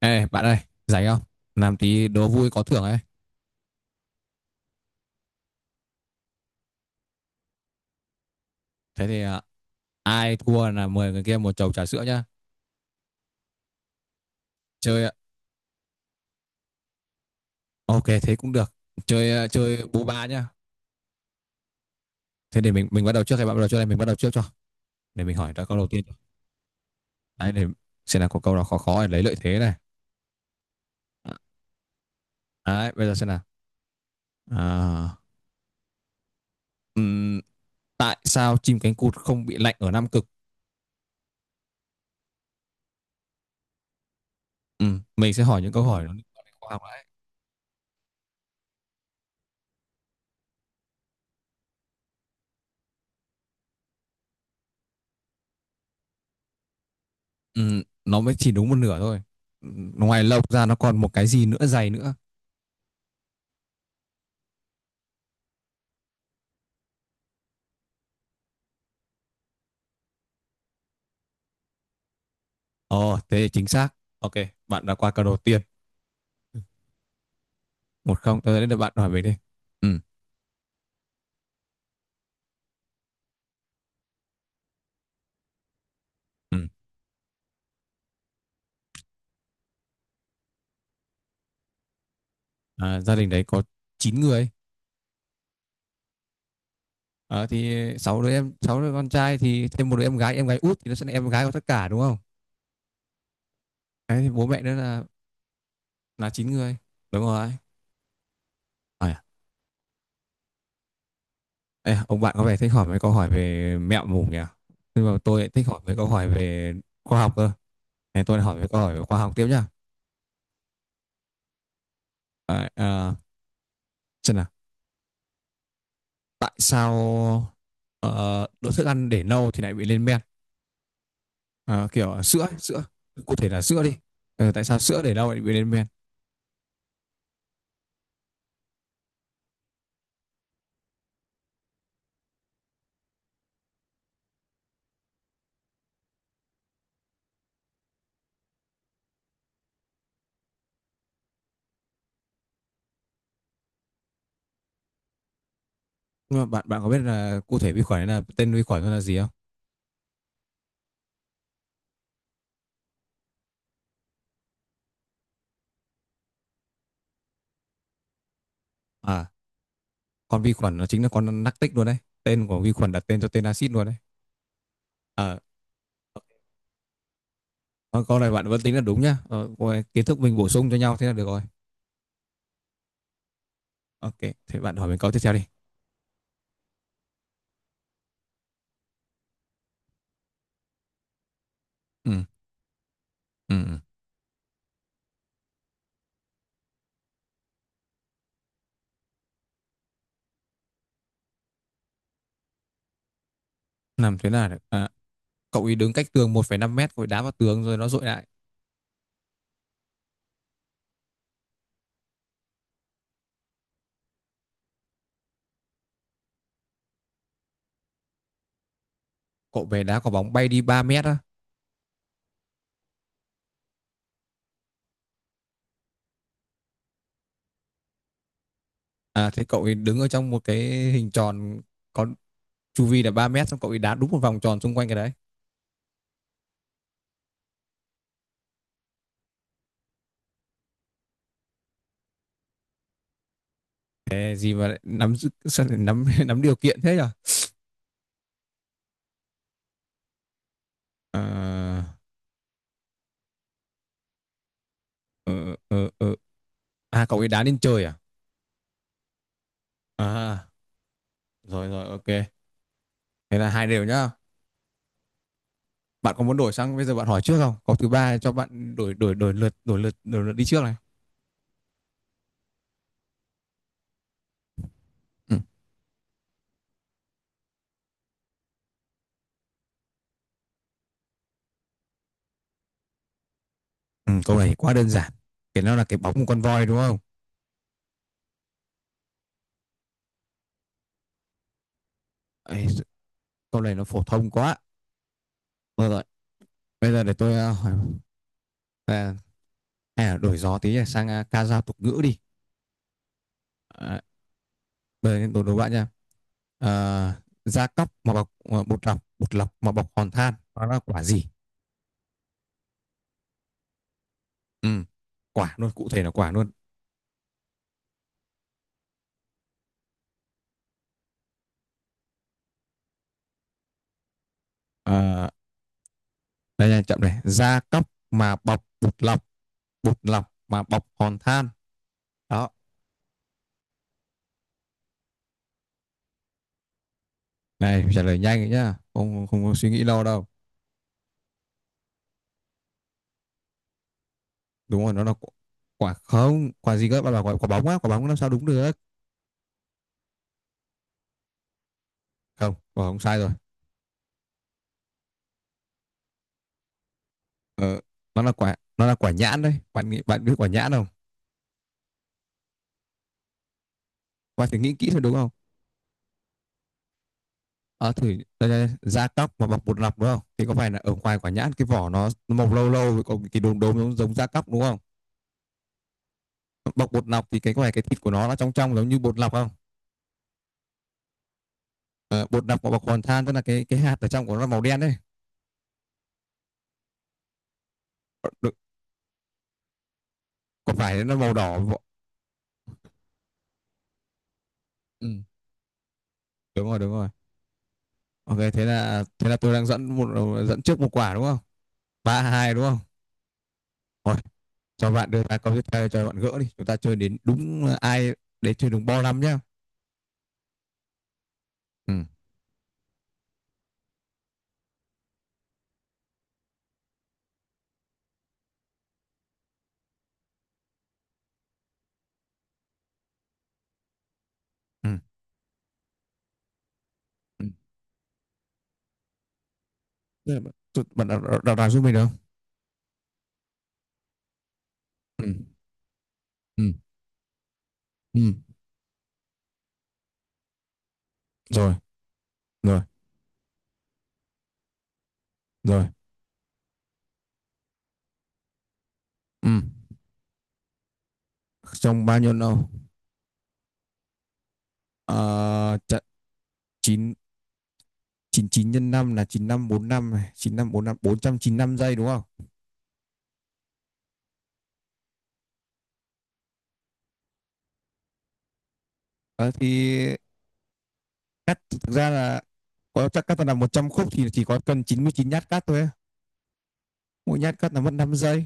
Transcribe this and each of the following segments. Ê, bạn ơi, rảnh không? Làm tí đố vui có thưởng ấy. Thế thì ai thua là mời người kia một chầu trà sữa nhá. Chơi, à, ok, thế cũng được. Chơi bú ba nhá. Thế để mình bắt đầu trước hay bạn bắt đầu trước đây? Mình bắt đầu trước cho. Để mình hỏi ra câu đầu tiên. Đấy, để xem là có câu nào khó khó để lấy lợi thế này. À, Đấy, bây giờ xem nào. À, ừm, tại sao chim cánh cụt không bị lạnh ở Nam Cực? Mình sẽ hỏi những câu hỏi nó liên quan đến khoa học đấy. Nó mới chỉ đúng một nửa thôi. Ngoài lông ra nó còn một cái gì nữa dày nữa. Ồ, thế thì chính xác. Ok, bạn đã qua câu đầu tiên. Một không, tôi đến được bạn hỏi mình đi. Ừ, ừ. À, gia đình đấy có 9 người. Ờ, thì sáu đứa em, sáu đứa con trai thì thêm một đứa em gái út thì nó sẽ là em gái của tất cả đúng không? Đấy, thì bố mẹ nữa là 9 người. Đúng rồi. À, ê, ông bạn có vẻ thích hỏi mấy câu hỏi về mẹo mủ nhỉ? Nhưng mà tôi lại thích hỏi mấy câu hỏi về khoa học cơ. Thế tôi hỏi mấy câu hỏi về khoa học tiếp nhá. À, à, xem nào, tại sao ờ, đồ thức ăn để lâu thì lại bị lên men? Sữa ấy, sữa cụ thể là sữa đi. Ờ, tại sao sữa để lau lại bị lên men? Nhưng mà bạn bạn có biết là cụ thể vi khuẩn ấy, là tên vi khuẩn nó là gì không? À, con vi khuẩn nó chính là con lactic luôn đấy, tên của vi khuẩn đặt tên cho tên axit luôn đấy. Ờ, con câu này bạn vẫn tính là đúng nhá, ờ, coi kiến thức mình bổ sung cho nhau thế là được rồi. Ok, thế bạn hỏi mình câu tiếp theo đi. Ừ, ừ, ừ. Làm thế nào để cậu ấy đứng cách tường 1,5 mét rồi đá vào tường rồi nó dội lại. Cậu về đá quả bóng bay đi 3 mét á? À thế cậu ấy đứng ở trong một cái hình tròn có chu vi là 3 mét xong cậu ấy đá đúng một vòng tròn xung quanh cái đấy. Thế gì mà lại nắm giữ- sao lại nắm nắm điều kiện thế nhỉ? À, ờ, ờ, ờ. À cậu ấy đá lên trời à? À rồi rồi ok. Thế là hai đều nhá. Bạn có muốn đổi sang bây giờ bạn hỏi trước không? Có thứ ba cho bạn đổi đổi đổi lượt đổi lượt đổi lượt đi trước này. Ừ. Ừ, câu này quá đơn giản. Cái nó là cái bóng của con voi đúng không? Ấy, câu này nó phổ thông quá. Rồi rồi. Bây giờ để tôi hỏi à, hay là đổi gió tí sang ca dao tục ngữ đi. à, Bây giờ bạn nha, da cóc mà bọc bột lọc, bột lọc mà bọc hòn than, đó là quả gì? Ừ. Quả luôn, cụ thể là quả luôn. À, đây nha, chậm này, da cóc mà bọc bột lọc, bột lọc mà bọc hòn than, đó. Này trả lời nhanh ấy nhá, không, không có suy nghĩ lâu đâu. Đúng rồi nó là quả, không quả gì cơ, bạn bảo quả, quả bóng á, quả bóng làm sao đúng được? Không, quả bóng sai rồi. ờ, nó là quả, nhãn đấy, bạn nghĩ bạn biết quả nhãn không? Và phải nghĩ kỹ thôi đúng không? Ờ thử, đây, đây, da cóc mà bọc bột lọc đúng không? Thì có phải là ở ngoài quả nhãn cái vỏ nó màu lâu lâu rồi có cái đốm đốm giống, giống da cóc đúng không? Bọc bột lọc thì cái có phải cái thịt của nó trong trong giống như bột lọc không? Ờ, bột lọc mà bọc hoàn than tức là cái hạt ở trong của nó màu đen đấy. Được, có phải nó màu đỏ? Ừ, đúng rồi đúng rồi. Ok thế là tôi đang dẫn một trước một quả đúng không? Ba hai đúng không? Rồi, cho bạn đưa ra câu tiếp theo cho bạn gỡ đi. Chúng ta chơi đến đúng ai đấy, chơi đúng bo năm nhá. Ừ. Ừ. Ừ. Đây là bạn, tôi- bạn đọc, đọc, đọc, đọc giúp mình được không? Ừ. Ừ. Ừ. Rồi, rồi, rồi. Ừ. Trong bao nhiêu lâu? Ờ, chặn chín, 99 nhân 5 là 9545 này, chín năm năm bốn trăm chín, 495 giây đúng không? Ờ, thì cắt thực ra là có chắc cắt là 100 khúc thì chỉ có cần 99 nhát cắt thôi. Á. Mỗi nhát cắt là mất 5 giây.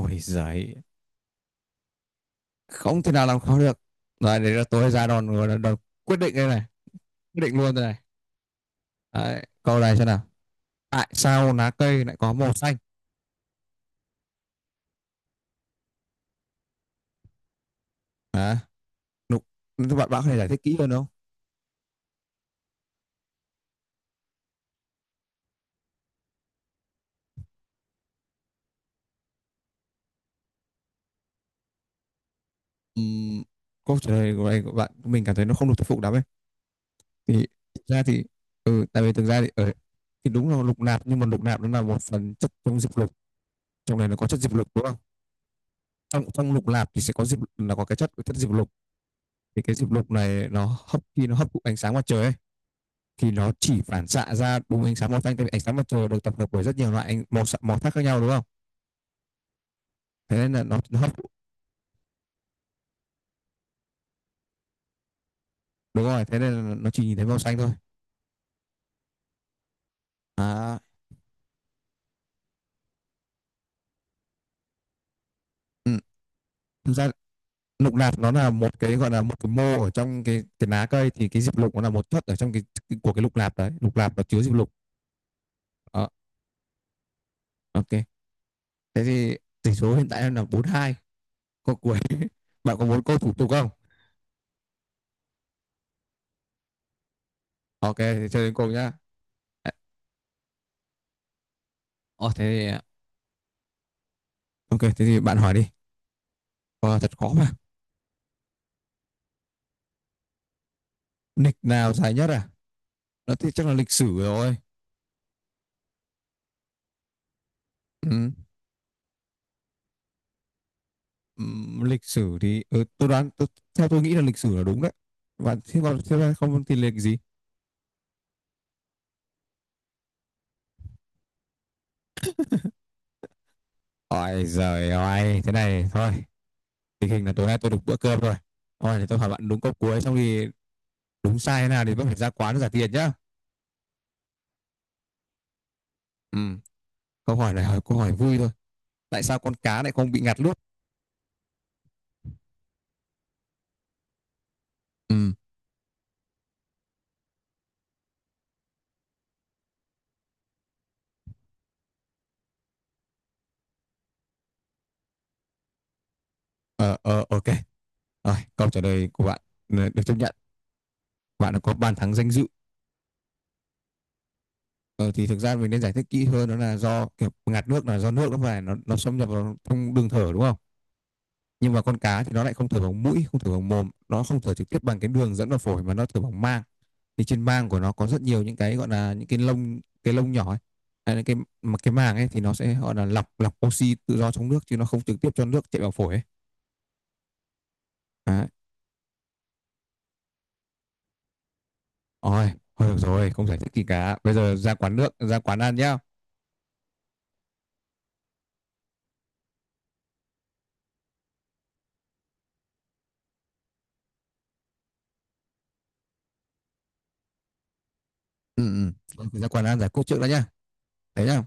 Ôi giời, không thể nào làm khó được. Rồi đấy là tôi ra đòn rồi, đòn quyết định đây này, quyết định luôn đây này. Đấy, câu này xem nào. Tại sao lá cây lại có màu xanh? À, nụ- bạn bạn có thể giải thích kỹ hơn không? Ừm, câu trả lời của bạn, mình cảm thấy nó không được thuyết phục lắm ấy. Thì thực ra thì tại vì thực ra thì ở thì đúng là lục nạp nhưng mà lục nạp nó là một phần chất trong diệp lục. Trong này nó có chất diệp lục đúng không? Trong trong lục nạp thì sẽ có diệp là có cái chất chất diệp lục. Thì cái diệp lục này nó hấp khi nó hấp thụ ánh sáng mặt trời ấy thì nó chỉ phản xạ ra đúng ánh sáng màu xanh, tại vì ánh sáng mặt trời được tập hợp bởi rất nhiều loại ánh màu xạ- màu sắc khác nhau đúng không? Thế nên là nó hấp thụ- đúng rồi, thế nên là nó chỉ nhìn thấy màu xanh thôi. À, ừ. Thực ra lục nạp nó là một cái gọi là một cái mô ở trong cái lá cây, thì cái diệp lục nó là một thất ở trong cái của cái lục nạp đấy, lục nạp nó chứa diệp lục đó. Ok, thế thì tỷ số hiện tại là bốn hai, câu cuối bạn có muốn câu thủ tục không? Ok thì chơi đến cùng nhá. Ờ thế Ok thế thì bạn hỏi đi. Ờ, Thật khó mà. Lịch nào dài nhất? À nó thì chắc là lịch sử rồi. Ừ. Ừ, lịch sử thì tôi đoán tôi, theo tôi nghĩ là lịch sử là đúng đấy. Bạn thế còn thế, không thì lịch gì? Ôi giời ơi, thế này thôi, tình hình là tối nay tôi được bữa cơm rồi. Hỏi thì tôi hỏi bạn đúng câu cuối, xong thì đúng sai thế nào thì vẫn phải ra quán trả tiền nhá. Ừ, câu hỏi này hỏi câu hỏi vui thôi. Tại sao con cá lại không bị ngạt nước? Ừ. Ờ ờ ok, rồi câu trả lời của bạn, ừ, được chấp nhận, bạn đã có bàn thắng danh dự. Ờ, thì thực ra mình nên giải thích kỹ hơn, đó là do kiểu ngạt nước là do nước nó phải nó xâm nhập vào trong đường thở đúng không? Nhưng mà con cá thì nó lại không thở bằng mũi, không thở bằng mồm, nó không thở trực tiếp bằng cái đường dẫn vào phổi mà nó thở bằng mang. Thì trên mang của nó có rất nhiều những cái gọi là những cái lông, cái lông nhỏ ấy. Hay cái mà cái màng ấy thì nó sẽ gọi là lọc, lọc oxy tự do trong nước chứ nó không trực tiếp cho nước chạy vào phổi ấy. Đấy. Ôi, thôi được rồi, không giải thích gì cả. Bây giờ ra quán nước, ra quán ăn nhá. Ừ, ừ. Ra quán ăn giải quyết trước đã nhá. Đấy nhá.